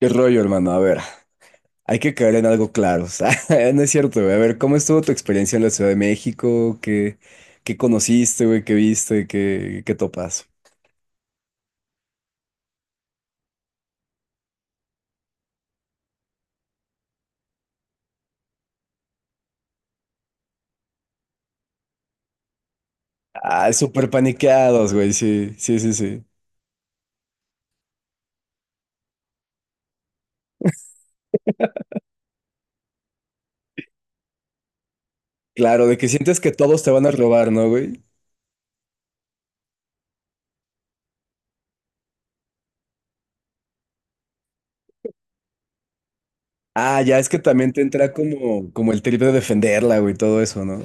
¿Qué rollo, hermano? A ver, hay que caer en algo claro, o sea, no es cierto, güey. A ver, ¿cómo estuvo tu experiencia en la Ciudad de México? ¿Qué conociste, güey? ¿Qué viste? ¿Qué topas? Ah, súper paniqueados, güey, sí, sí, sí, sí. Claro, de que sientes que todos te van a robar, ¿no, güey? Ah, ya es que también te entra como, como el trip de defenderla, güey, todo eso, ¿no?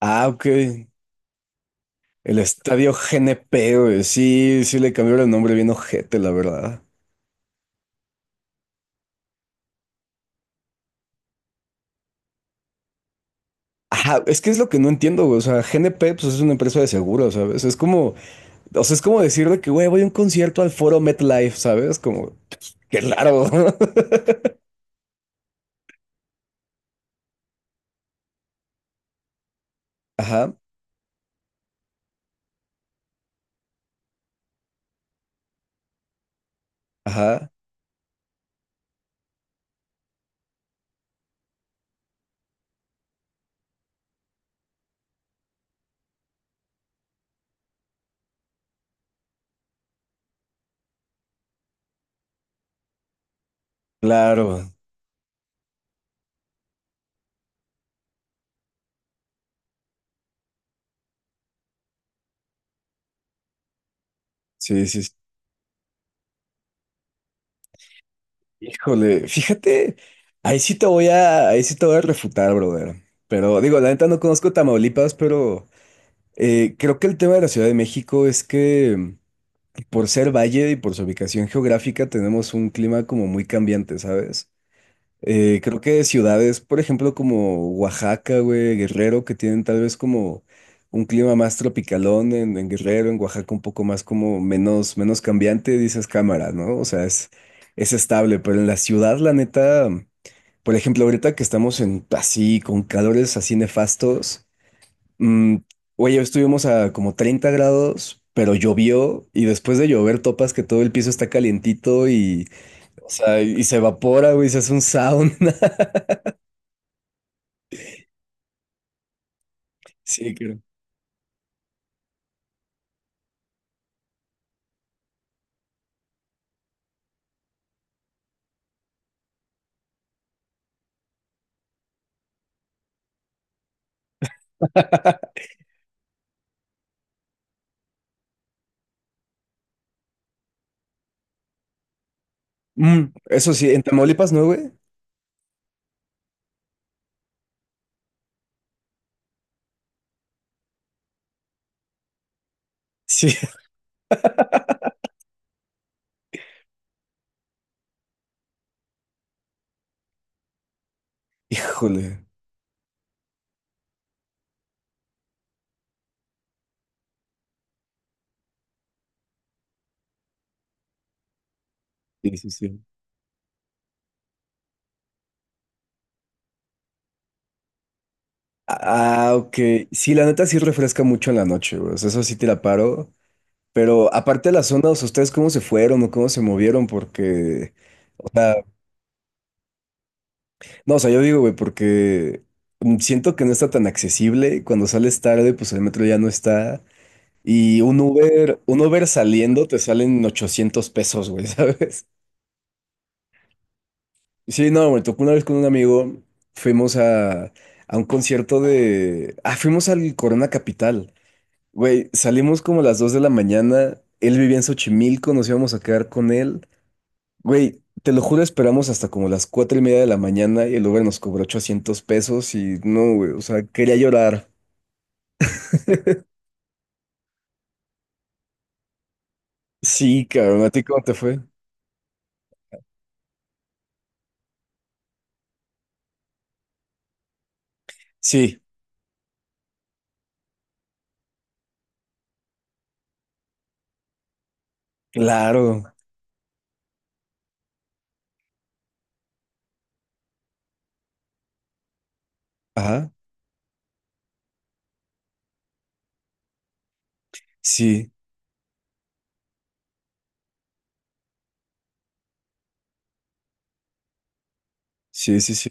Ah, ok. El estadio GNP, güey, sí, sí le cambiaron el nombre bien ojete, la verdad. Ajá, es que es lo que no entiendo, güey. O sea, GNP pues, es una empresa de seguros, ¿sabes? Es como, o sea, es como decir de que, güey, voy a un concierto al Foro MetLife, ¿sabes? Como, qué raro. Ajá, ajá, claro. Sí, sí. Sí. Híjole, fíjate, ahí sí te voy a refutar, brother. Pero digo, la neta no conozco Tamaulipas, pero creo que el tema de la Ciudad de México es que por ser valle y por su ubicación geográfica tenemos un clima como muy cambiante, ¿sabes? Creo que ciudades, por ejemplo, como Oaxaca, güey, Guerrero, que tienen tal vez como un clima más tropicalón en Guerrero, en Oaxaca un poco más como menos, menos cambiante, dices cámara, ¿no? O sea, es estable, pero en la ciudad, la neta, por ejemplo, ahorita que estamos en así, con calores así nefastos, mm, oye, hoy estuvimos a como 30 grados, pero llovió y después de llover topas que todo el piso está calientito y... O sea, y se evapora, güey, se hace un sound. Sí, claro. Mm, eso sí, en Tamaulipas no, güey. Sí, híjole. Sí, sí, sí. Ah, ok. Sí, la neta sí refresca mucho en la noche, güey. O sea, eso sí te la paro. Pero aparte de las zonas, ¿ustedes cómo se fueron o cómo se movieron? Porque, o sea, no, o sea, yo digo, güey, porque siento que no está tan accesible. Cuando sales tarde, pues el metro ya no está. Y un Uber saliendo te salen 800 pesos, güey, ¿sabes? Sí, no, me tocó una vez con un amigo, fuimos a, a un concierto de... Ah, fuimos al Corona Capital. Güey, salimos como a las 2 de la mañana, él vivía en Xochimilco, nos íbamos a quedar con él. Güey, te lo juro, esperamos hasta como las 4:30 de la mañana y el Uber nos cobró 800 pesos y no, güey, o sea, quería llorar. Sí, cabrón, ¿a ti cómo te fue? Sí, claro. Ajá, sí, sí, sí, sí.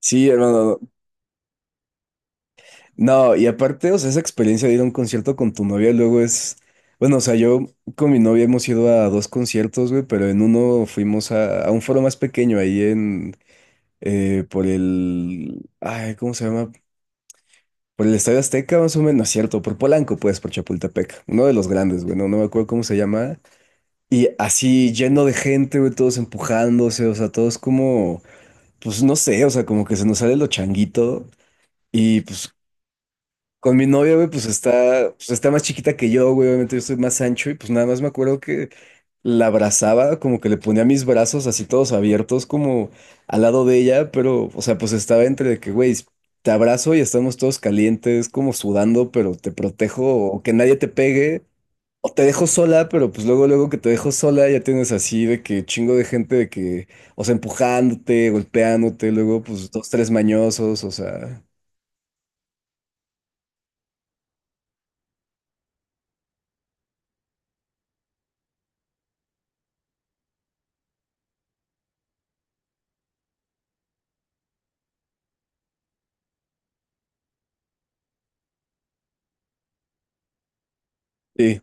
Sí, hermano, no, y aparte, o sea, esa experiencia de ir a un concierto con tu novia luego es, bueno, o sea, yo con mi novia hemos ido a dos conciertos, güey, pero en uno fuimos a un foro más pequeño ahí en, por el, ay, ¿cómo se llama? Por el Estadio Azteca, más o menos, no es cierto, por Polanco, pues, por Chapultepec, uno de los grandes, güey, no, no me acuerdo cómo se llama, y así lleno de gente, güey, todos empujándose, o sea, todos como, pues, no sé, o sea, como que se nos sale lo changuito. Y pues con mi novia, güey, pues está más chiquita que yo, güey. Obviamente yo soy más ancho y pues nada más me acuerdo que la abrazaba, como que le ponía mis brazos así todos abiertos, como al lado de ella, pero, o sea, pues estaba entre de que, güey, te abrazo y estamos todos calientes, como sudando, pero te protejo o que nadie te pegue, o te dejo sola, pero pues luego, luego que te dejo sola ya tienes así de que chingo de gente de que, o sea, empujándote, golpeándote, luego pues dos, tres mañosos, o sea, sí.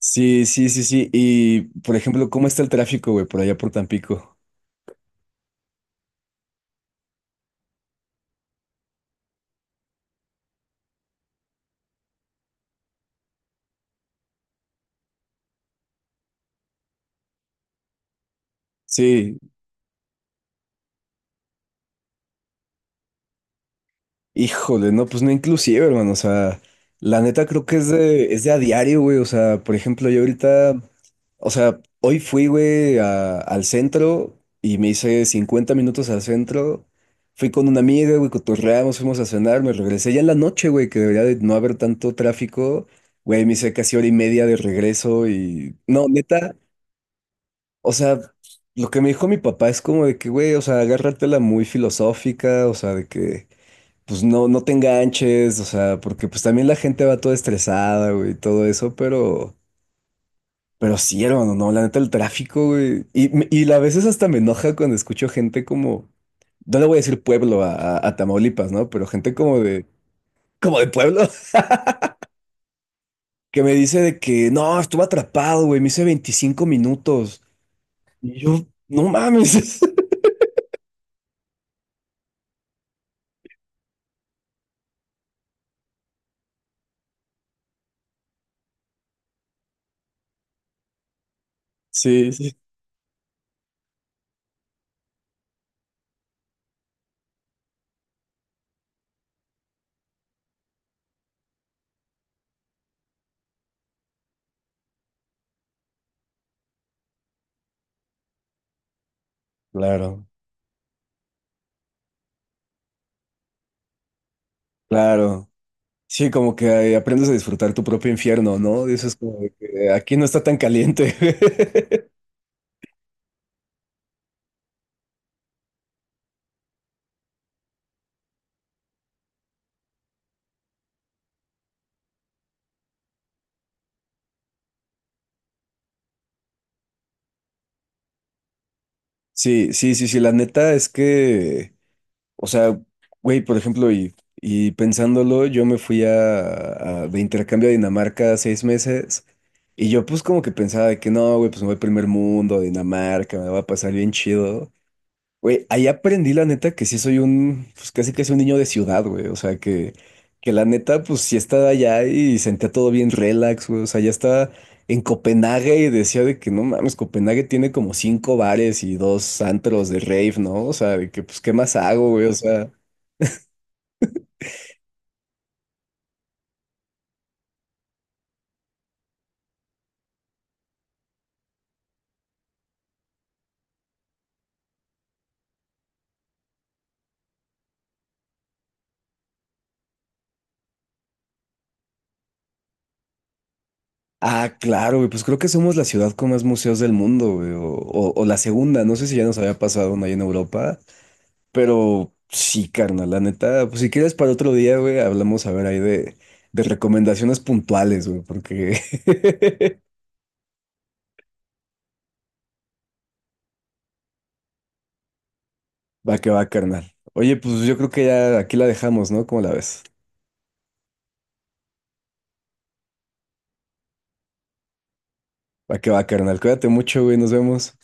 Sí, sí, sí, sí. Y, por ejemplo, ¿cómo está el tráfico, güey, por allá por Tampico? Sí, híjole, no, pues no inclusive, hermano, o sea, la neta creo que es de a diario, güey, o sea, por ejemplo, yo ahorita, o sea, hoy fui, güey, a- al centro y me hice 50 minutos al centro, fui con una amiga, güey, cotorreamos, fuimos a cenar, me regresé ya en la noche, güey, que debería de no haber tanto tráfico, güey, me hice casi hora y media de regreso y, no, neta. O sea, lo que me dijo mi papá es como de que, güey, o sea, agárratela muy filosófica, o sea, de que, pues no, no te enganches, o sea, porque pues también la gente va toda estresada, güey, y todo eso, pero sí, hermano, no, la neta, el tráfico, güey, y, me- y a veces hasta me enoja cuando escucho gente como, no le voy a decir pueblo a Tamaulipas, ¿no? Pero gente como de pueblo, que me dice de que, no, estuve atrapado, güey, me hice 25 minutos, y yo, no mames. Sí, sí. Claro. Claro, sí, como que aprendes a disfrutar tu propio infierno, ¿no? Dices como de que aquí no está tan caliente. Sí, sí, sí, sí, la neta es que, o sea, güey, por ejemplo, y pensándolo, yo me fui a- de intercambio a Dinamarca 6 meses y yo pues como que pensaba de que no, güey, pues me voy al primer mundo, a Dinamarca, me va a pasar bien chido. Güey, ahí aprendí la neta que sí soy un, pues casi casi un niño de ciudad, güey. O sea, que la neta, pues sí estaba allá y sentía todo bien relax, güey. O sea, ya estaba en Copenhague y decía de que no mames, Copenhague tiene como cinco bares y dos antros de rave, ¿no? O sea, de que pues qué más hago, güey. O sea, ah, claro, güey, pues creo que somos la ciudad con más museos del mundo, güey. O la segunda, no sé si ya nos había pasado una ahí en Europa. Pero sí, carnal, la neta, pues si quieres para otro día, güey, hablamos a ver ahí de recomendaciones puntuales, güey, porque va que va, carnal. Oye, pues yo creo que ya aquí la dejamos, ¿no? ¿Cómo la ves? Va que va, carnal. Cuídate mucho, güey, nos vemos.